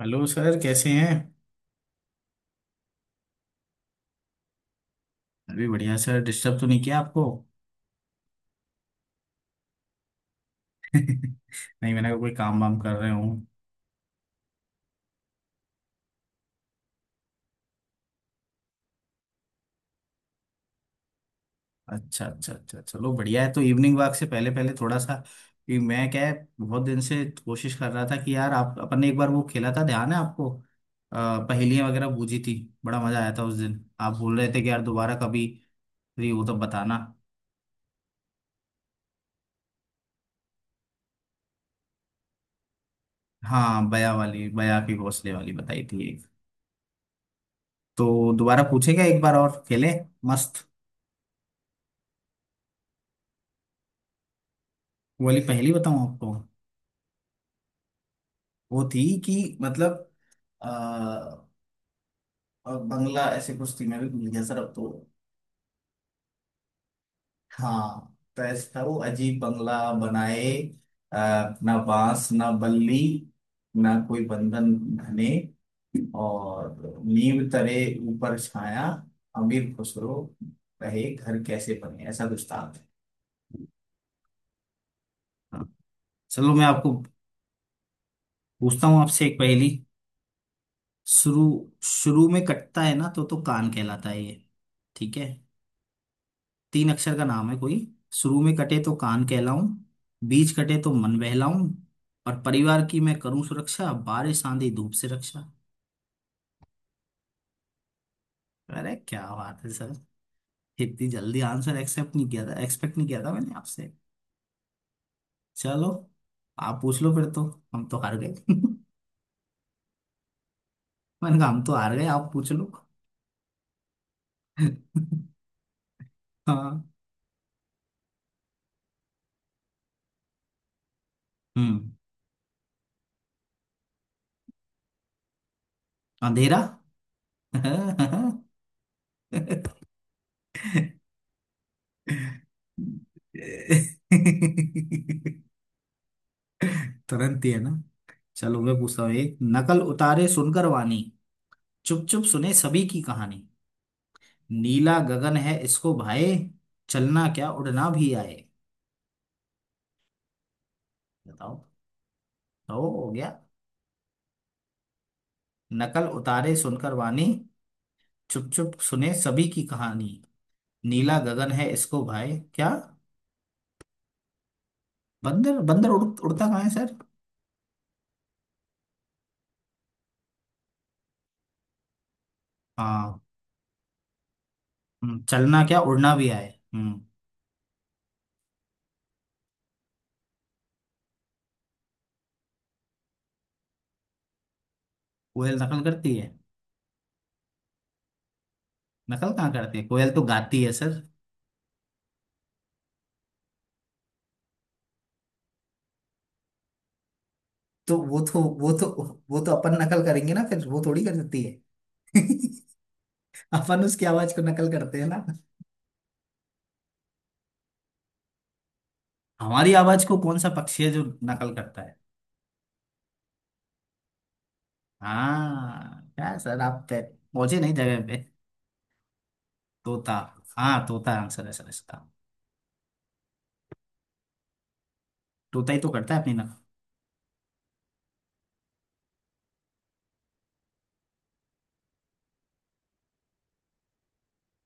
Hello sir, कैसे हैं? अभी बढ़िया सर। डिस्टर्ब तो नहीं किया आपको? नहीं, मैंने कहा कोई काम वाम कर रहे हूँ। अच्छा अच्छा अच्छा अच्छा, चलो बढ़िया है। तो इवनिंग वॉक से पहले पहले थोड़ा सा कि मैं, क्या है, बहुत दिन से कोशिश कर रहा था कि यार, आप अपन ने एक बार वो खेला था, ध्यान है आपको, पहेलियां वगैरह बूझी थी। बड़ा मजा आया था उस दिन। आप बोल रहे थे कि यार दोबारा कभी फ्री हो तो बताना। हाँ, बया वाली, बया के घोंसले वाली बताई थी एक। तो दोबारा पूछेगा, एक बार और खेले। मस्त। वो वाली पहेली बताऊँ आपको? वो थी कि मतलब आ, और बंगला, ऐसे कुछ थी, मैं भी भूल गया सर अब तो। हाँ। तो ऐसा था वो, अजीब बंगला बनाए, आ, ना बांस ना बल्ली, ना कोई बंधन घने, और नींव तरे ऊपर छाया, अमीर खुश रहो, रहे घर कैसे बने, ऐसा कुछ था। हाँ। चलो मैं आपको पूछता हूँ आपसे एक पहेली। शुरू। शुरू में कटता है ना तो कान कहलाता है ये। ठीक है। तीन अक्षर का नाम है कोई। शुरू में कटे तो कान कहलाऊं, बीच कटे तो मन बहलाऊं, और परिवार की मैं करूं सुरक्षा, बारिश आंधी धूप से रक्षा। अरे क्या बात है सर! इतनी जल्दी आंसर, एक्सेप्ट नहीं किया था एक्सपेक्ट नहीं किया था मैंने आपसे। चलो आप पूछ लो फिर तो। हम तो हार गए। मैंने कहा हम तो हार गए, आप पूछ लो। हाँ। हम्म। अंधेरा। तुरंत ही है ना। चलो मैं पूछता हूँ एक। नकल उतारे सुनकर वाणी, चुप चुप सुने सभी की कहानी, नीला गगन है इसको भाए, चलना क्या उड़ना भी आए। बताओ। तो हो गया? नकल उतारे सुनकर वाणी, चुप चुप सुने सभी की कहानी, नीला गगन है इसको भाए क्या। बंदर? बंदर उड़ता कहाँ है सर? हाँ। चलना क्या उड़ना भी आए। हम्म। कोयल नकल करती है? नकल कहाँ करती है, कोयल तो गाती है सर। तो वो वो तो अपन नकल करेंगे ना, फिर वो थोड़ी कर सकती है। अपन उसकी आवाज को नकल करते हैं ना। हमारी आवाज को कौन सा पक्षी है जो नकल करता है? हाँ क्या सर, आप पे पहुंचे नहीं जगह पे। तोता। हाँ तोता आंसर है सर इसका। तोता ही तो करता है अपनी नकल।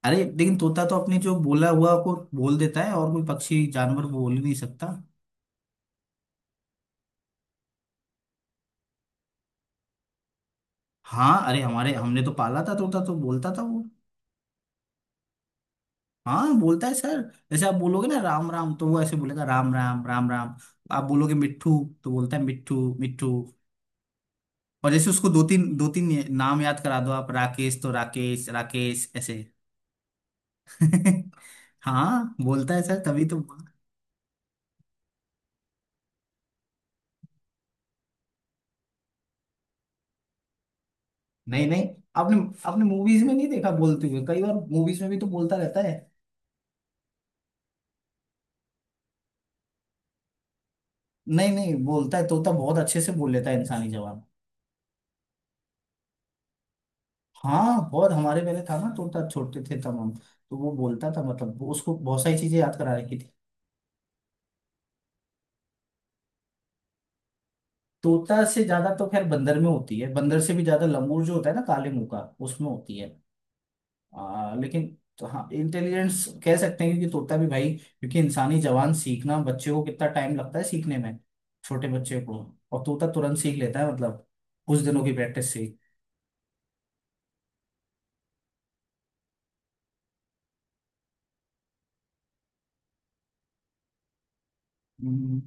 अरे लेकिन तोता तो अपने जो बोला हुआ को बोल देता है, और कोई पक्षी जानवर बोल ही नहीं सकता। हाँ अरे, हमारे हमने तो पाला था तोता, तो बोलता था वो। हाँ बोलता है सर। जैसे आप बोलोगे ना राम राम, तो वो ऐसे बोलेगा राम राम राम राम। आप बोलोगे मिट्ठू, तो बोलता है मिट्ठू मिट्ठू। और जैसे उसको दो तीन नाम याद करा दो, आप राकेश, तो राकेश राकेश ऐसे। हाँ बोलता है सर, तभी तो। नहीं नहीं। आपने आपने मूवीज में नहीं देखा बोलते हुए, कई बार मूवीज में भी तो बोलता रहता है। नहीं नहीं, बोलता है तोता, बहुत अच्छे से बोल लेता है इंसानी जवाब। हाँ बहुत। हमारे पहले था ना तोता, छोटे थे तब हम, तो वो बोलता था मतलब उसको बहुत सारी चीजें याद करा रखी थी। तोता से ज्यादा तो खैर बंदर में होती है, बंदर से भी ज्यादा लंगूर जो होता है ना, काले मुंह का, उसमें होती है। लेकिन तो हाँ, इंटेलिजेंस कह सकते हैं, क्योंकि तोता भी भाई, क्योंकि इंसानी जवान सीखना, बच्चे को कितना टाइम लगता है सीखने में, छोटे बच्चे को, और तोता तुरंत सीख लेता है मतलब कुछ दिनों की प्रैक्टिस से ही। हम्म।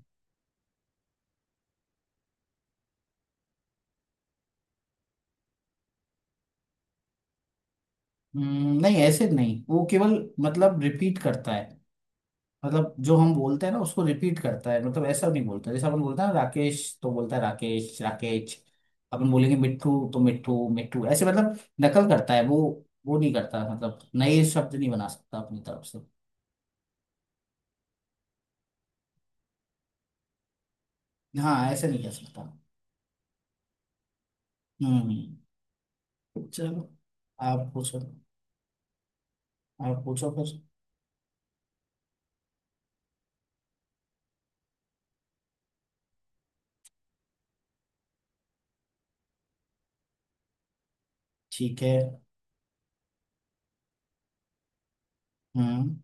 नहीं ऐसे नहीं, वो केवल मतलब रिपीट करता है। मतलब जो हम बोलते हैं ना, उसको रिपीट करता है। मतलब ऐसा नहीं बोलता, जैसे अपन बोलते हैं ना राकेश तो बोलता है राकेश राकेश। अपन बोलेंगे मिट्ठू तो मिट्ठू मिट्ठू, ऐसे मतलब नकल करता है वो। वो नहीं करता मतलब नए शब्द नहीं बना सकता अपनी तरफ से। हाँ ऐसे नहीं कह सकता। हम्म हम्म। चलो आप पूछो। आप पूछो फिर। ठीक है। हम्म।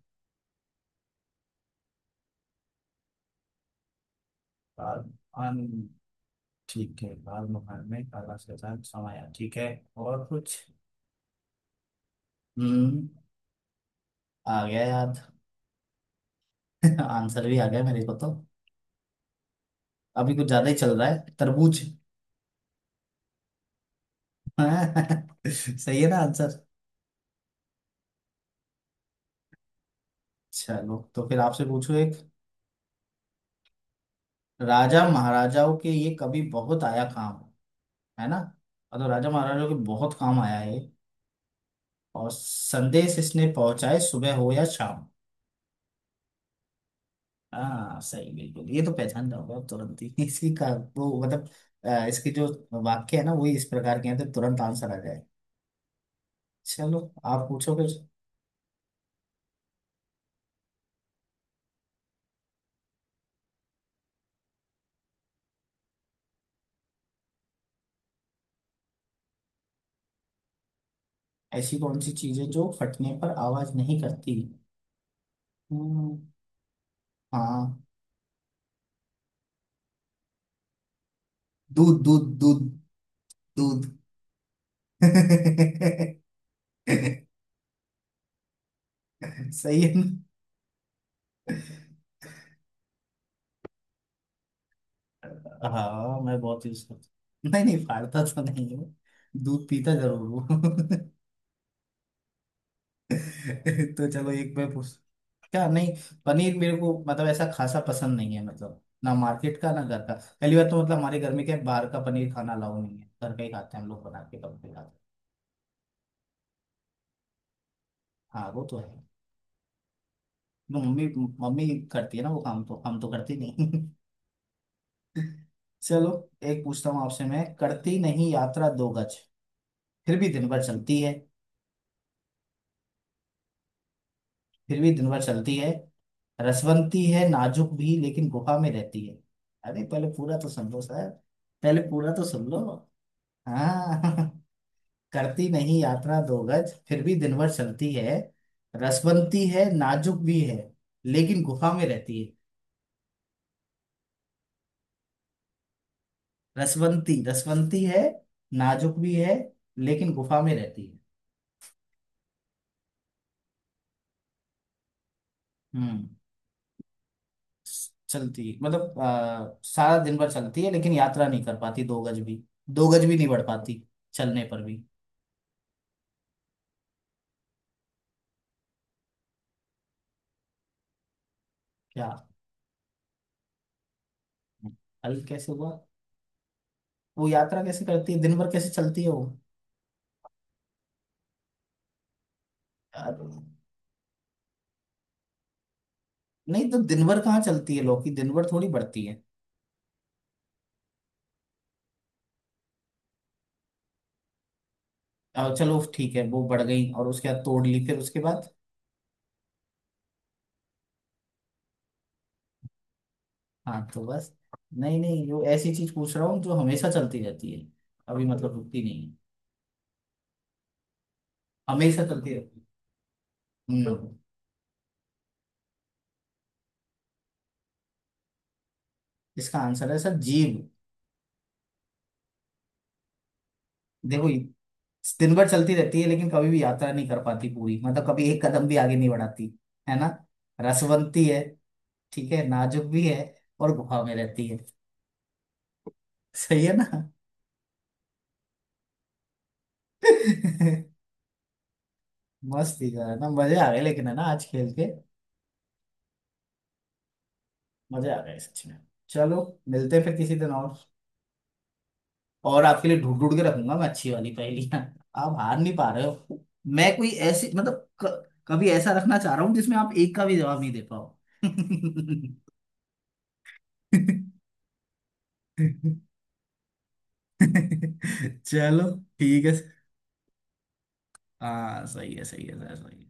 काल। अन- ठीक है, काल महान में कालाश के साथ समाया, ठीक है। और कुछ? हम्म। आ गया याद। आंसर भी आ गया मेरे को तो। अभी कुछ ज्यादा ही चल रहा है, तरबूज। सही है ना आंसर? चलो तो फिर आपसे पूछो एक। राजा महाराजाओं के ये कभी बहुत आया काम, है ना, और तो राजा महाराजाओं के बहुत काम आया है, और संदेश इसने पहुंचाए सुबह हो या शाम। हाँ सही बिल्कुल, ये तो पहचान जाओगे आप तुरंत ही। इसी का वो मतलब इसके जो वाक्य है ना, वही इस प्रकार के हैं, तो तुरंत आंसर आ जाए। चलो आप पूछो फिर। ऐसी कौन सी चीज है जो फटने पर आवाज नहीं करती? हम्म। हाँ। दूध दूध दूध। दूध। सही है ना? हाँ मैं बहुत यूज करता हूँ। नहीं नहीं, फाड़ता तो नहीं हूँ, दूध पीता जरूर हूँ। तो चलो एक मैं पूछ। क्या? नहीं, पनीर मेरे को मतलब ऐसा खासा पसंद नहीं है, मतलब ना मार्केट का ना घर का। पहली बात तो मतलब हमारे घर में क्या है, बाहर का पनीर खाना अलाउ नहीं है, घर का ही खाते हैं हम लोग, बना के कब भी खाते हैं। हाँ वो तो है। वो मम्मी, मम्मी करती है ना वो काम, तो हम तो करते नहीं। चलो एक पूछता हूँ आपसे मैं। करती नहीं यात्रा दो गज, फिर भी दिन भर चलती है। फिर भी दिन भर चलती है, रसवंती है नाजुक भी, लेकिन गुफा में रहती है। अरे पहले पूरा तो सुन लो सर, पहले पूरा तो सुन लो। हाँ। करती नहीं यात्रा दो गज, फिर भी दिन भर चलती है, रसवंती है नाजुक भी है, लेकिन गुफा में रहती है। रसवंती, रसवंती है, नाजुक भी है, लेकिन गुफा में रहती है। हम्म। चलती मतलब सारा दिन भर चलती है लेकिन यात्रा नहीं कर पाती दो गज भी, दो गज भी नहीं बढ़ पाती, चलने पर भी। क्या? हल कैसे हुआ? वो यात्रा कैसे करती है, दिन भर कैसे चलती है वो? यार, नहीं तो दिन भर कहाँ चलती है लौकी, दिन भर थोड़ी बढ़ती है। चलो ठीक है, वो बढ़ गई और उसके बाद तोड़ ली, फिर उसके बाद? हाँ तो बस। नहीं नहीं, वो ऐसी चीज पूछ रहा हूँ जो हमेशा चलती रहती है, अभी मतलब रुकती नहीं है, हमेशा चलती रहती है। हम्म। इसका आंसर है सर, जीभ। देखो ये दिन भर चलती रहती है, लेकिन कभी भी यात्रा नहीं कर पाती पूरी, मतलब कभी एक कदम भी आगे नहीं बढ़ाती, है ना। रसवंती है, ठीक है, नाजुक भी है, और गुफा में रहती है। सही है ना? मस्त ही था ना, मजे आ गए लेकिन, है ना, आज खेल के। मजे आ गए सच में। चलो मिलते हैं फिर किसी दिन और। और आपके लिए ढूंढ ढूंढ के रखूंगा मैं अच्छी वाली पहेलियां। आप हार नहीं पा रहे हो। मैं कोई ऐसी, मतलब कभी ऐसा रखना चाह रहा हूँ जिसमें आप एक का भी जवाब नहीं दे पाओ। चलो ठीक है। हाँ सही है, सही है सर, सही है।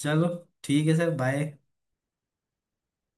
चलो ठीक है सर, बाय।